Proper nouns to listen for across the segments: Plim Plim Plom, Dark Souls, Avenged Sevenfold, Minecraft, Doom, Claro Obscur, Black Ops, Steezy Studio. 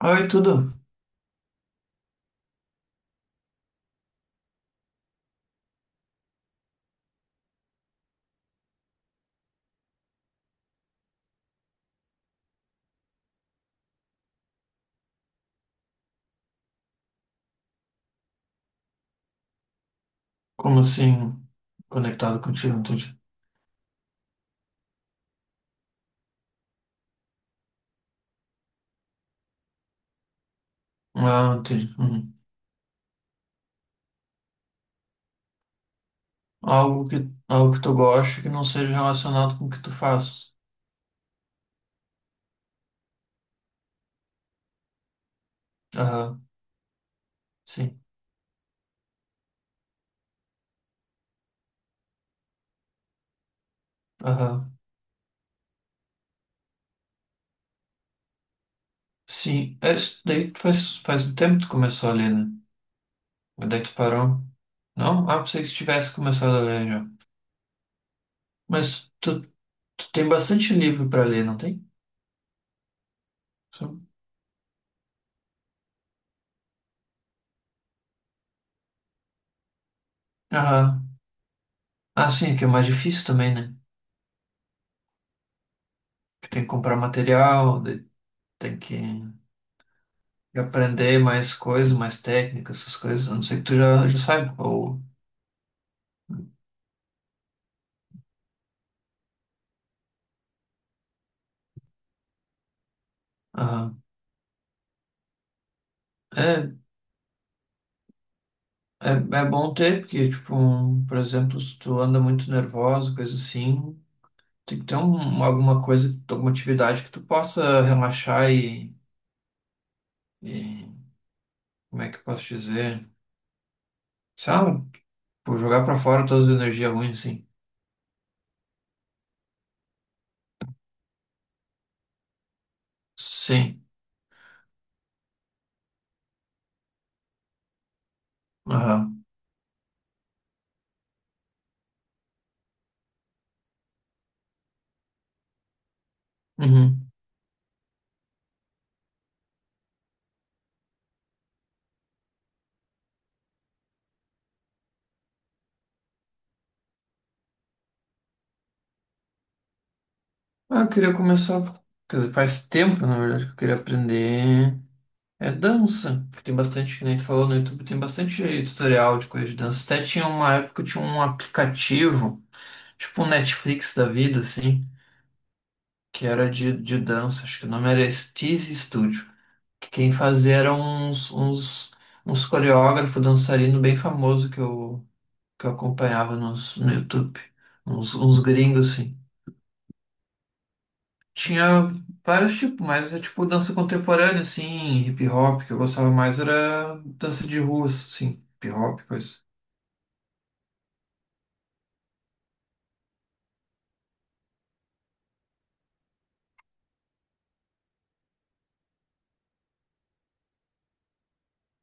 Oi, tudo? Como assim, conectado contigo, entendi. Ah, entendi. Uhum. Algo que, algo que tu goste que não seja relacionado com o que tu fazes. Aham, sim. Aham, sim. É, isso daí tu faz um tempo que tu começou ali, né? Mas daí tu parou. Não? Ah, pensei que tu tivesse começado a ler já. Mas tu, tu tem bastante livro pra ler, não tem? Sim. Aham. Ah, sim, que é mais difícil também, né? Que tem que comprar material, daí tem que... de aprender mais coisas, mais técnicas, essas coisas. A não sei que já sabe. Ou, aham. É, é, é bom ter, porque, tipo, um, por exemplo, se tu anda muito nervoso, coisa assim, tem que ter um, alguma coisa, alguma atividade que tu possa relaxar e como é que eu posso dizer? Sabe? Por jogar pra fora todas as energias ruins, assim. Sim. Aham. Uhum. Ah, eu queria começar. Quer dizer, faz tempo, na verdade, que eu queria aprender. É dança, porque tem bastante, que nem tu falou no YouTube, tem bastante tutorial de coisa de dança. Até tinha uma época, que tinha um aplicativo, tipo um Netflix da vida, assim, que era de dança, acho que o nome era Steezy Studio, que quem fazia eram uns coreógrafos, dançarino bem famoso que que eu acompanhava no YouTube, uns gringos, assim. Tinha vários tipos, mas é tipo dança contemporânea, assim, hip hop, que eu gostava mais era dança de rua, assim, hip hop, coisa.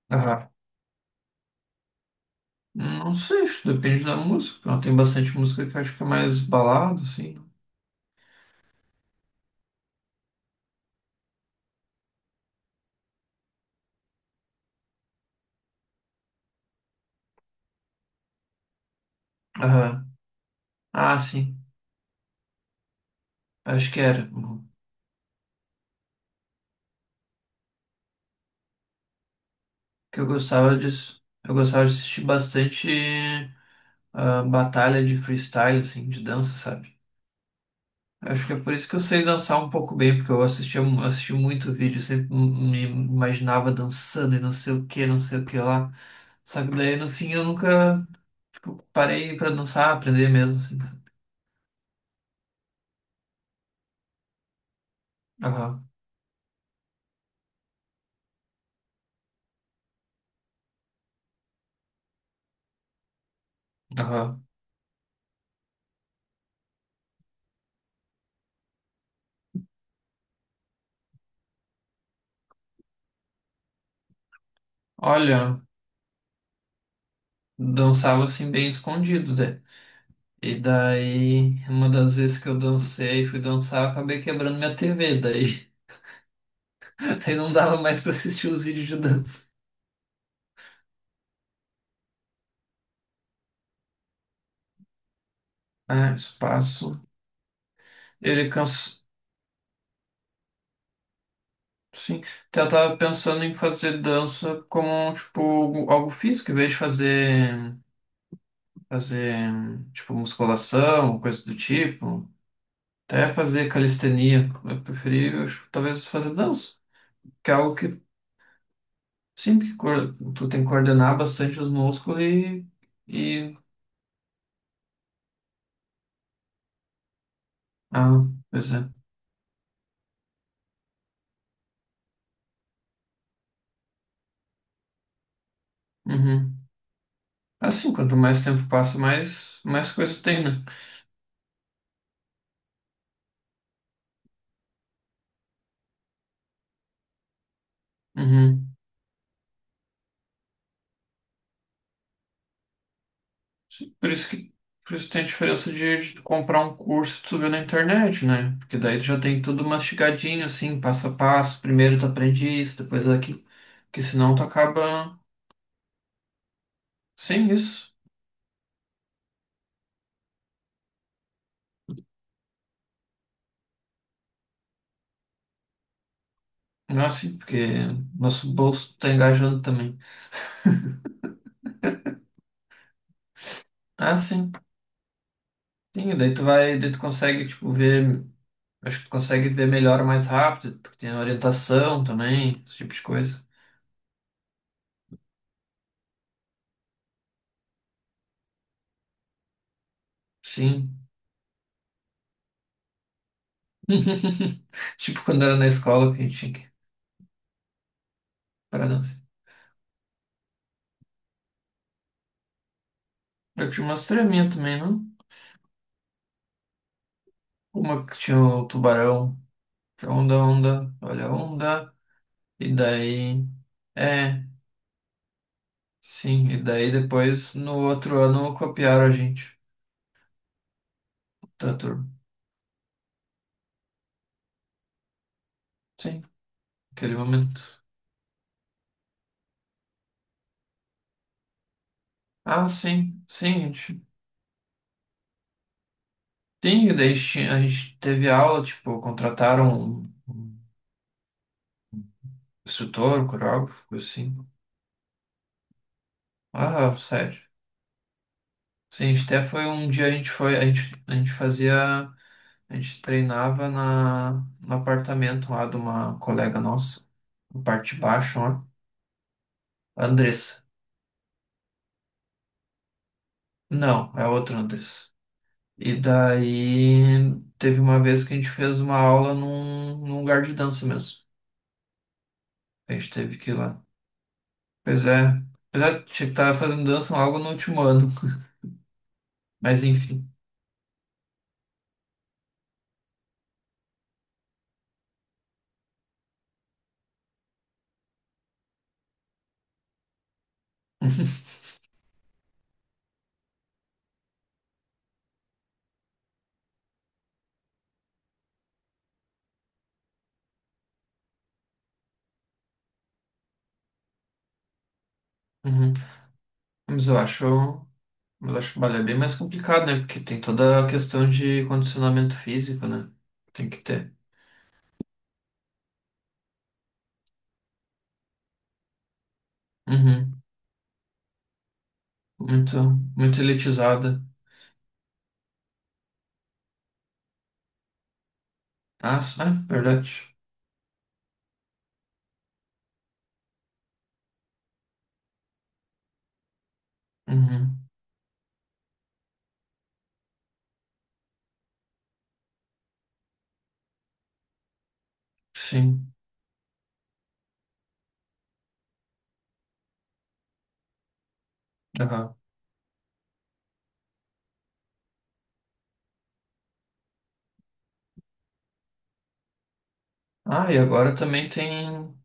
Aham. Não sei, isso depende da música. Não, tem bastante música que eu acho que é mais balada, assim. Aham. Ah, sim. Acho que era. Uhum. Que eu gostava disso. Eu gostava de assistir bastante batalha de freestyle, assim, de dança, sabe? Acho que é por isso que eu sei dançar um pouco bem, porque eu assisti muito vídeo, sempre me imaginava dançando e não sei o que, não sei o que lá. Só que daí no fim eu nunca, tipo, parei pra dançar, aprender mesmo, assim. Sabe? Aham, aham. Olha, dançava assim bem escondido, né? E daí, uma das vezes que eu fui dançar, eu acabei quebrando minha TV, daí, daí não dava mais pra assistir os vídeos de dança. Ah, espaço. Ele cansa. Sim, então eu tava pensando em fazer dança como, tipo, algo físico, em vez de fazer, tipo, musculação, coisa do tipo, até fazer calistenia. Eu preferi, eu acho, talvez, fazer dança, que é algo que, sim, que coor- tu tem que coordenar bastante os músculos e... Ah, pois é. Uhum. Assim, quanto mais tempo passa, mais coisa tem, né? Uhum. Por isso que, por isso tem a diferença de tu comprar um curso que tu vê na internet, né? Porque daí tu já tem tudo mastigadinho, assim, passo a passo. Primeiro tu aprende isso, depois aquilo. Porque senão tu acaba sem isso. Não é assim, porque nosso bolso tá engajando também. Ah, sim. Sim, daí tu vai, daí tu consegue, tipo, ver. Acho que tu consegue ver melhor mais rápido, porque tem orientação também, esse tipo de coisa. Sim. Tipo quando era na escola que a gente tinha que parar. Eu tinha umas treminhas também, não? Uma que tinha o tubarão. Tinha onda, onda, olha a onda. E daí. É, sim. E daí depois, no outro ano, copiaram a gente. Tá, turma. Sim, aquele momento. Ah, sim, sim, a gente. Sim, e daí tinha- a gente teve aula, tipo, contrataram um instrutor, um coreógrafo, coisa assim. Ah, sério. Sim, a gente até foi um dia a gente foi, a gente fazia, a gente treinava no apartamento lá de uma colega nossa, na parte de baixo, ó. Andressa. Não, é outra Andressa. E daí teve uma vez que a gente fez uma aula num, num lugar de dança mesmo. A gente teve que ir lá. Pois é, pois é, tinha que estar fazendo dança logo no último ano. Mas enfim. Uhum. Mas eu acho, mas eu acho balé bem mais complicado, né? Porque tem toda a questão de condicionamento físico, né? Tem que ter. Uhum. Muito, muito elitizada. Ah, s- ah, verdade. Uhum. Sim. Aham. Ah, e agora também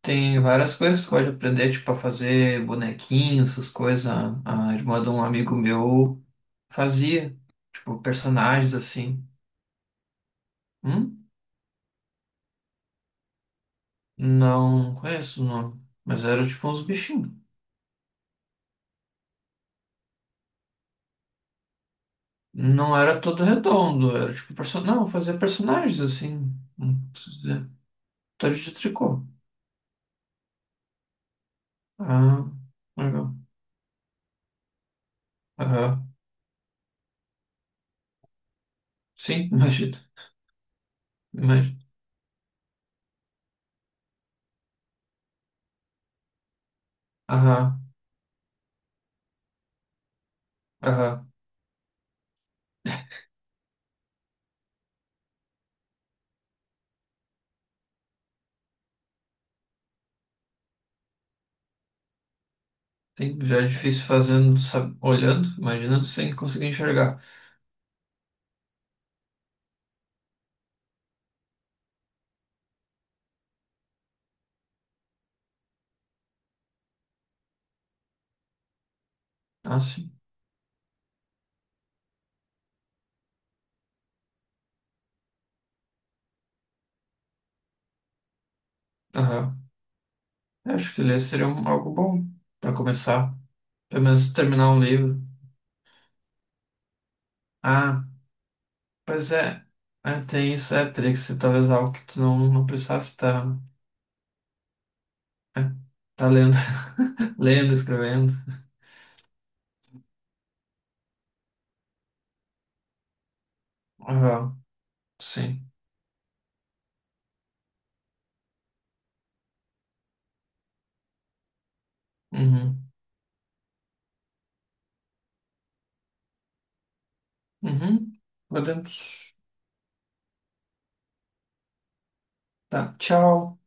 tem várias coisas que pode aprender, tipo, a fazer bonequinhos, essas coisas. A irmã de um amigo meu fazia, tipo, personagens assim. Hum? Não conheço o nome, mas era tipo uns bichinhos. Não era todo redondo, era tipo person... não, fazia personagens assim. Hum, Todo de tricô. Ah, legal. Aham. Sim, imagina. Imagina. Aham, aham. Sim, já é difícil fazendo, sabe, olhando, imaginando sem conseguir enxergar. Ah, sim. Aham. Eu acho que ler seria um- algo bom para começar. Pelo menos terminar um livro. Ah, pois é. É, tem isso, é Trix, talvez algo que tu não precisasse estar. É, tá lendo, lendo, escrevendo. Ah, sim. Uhum. Uhum. Uhum. Podemos. Tá, tchau.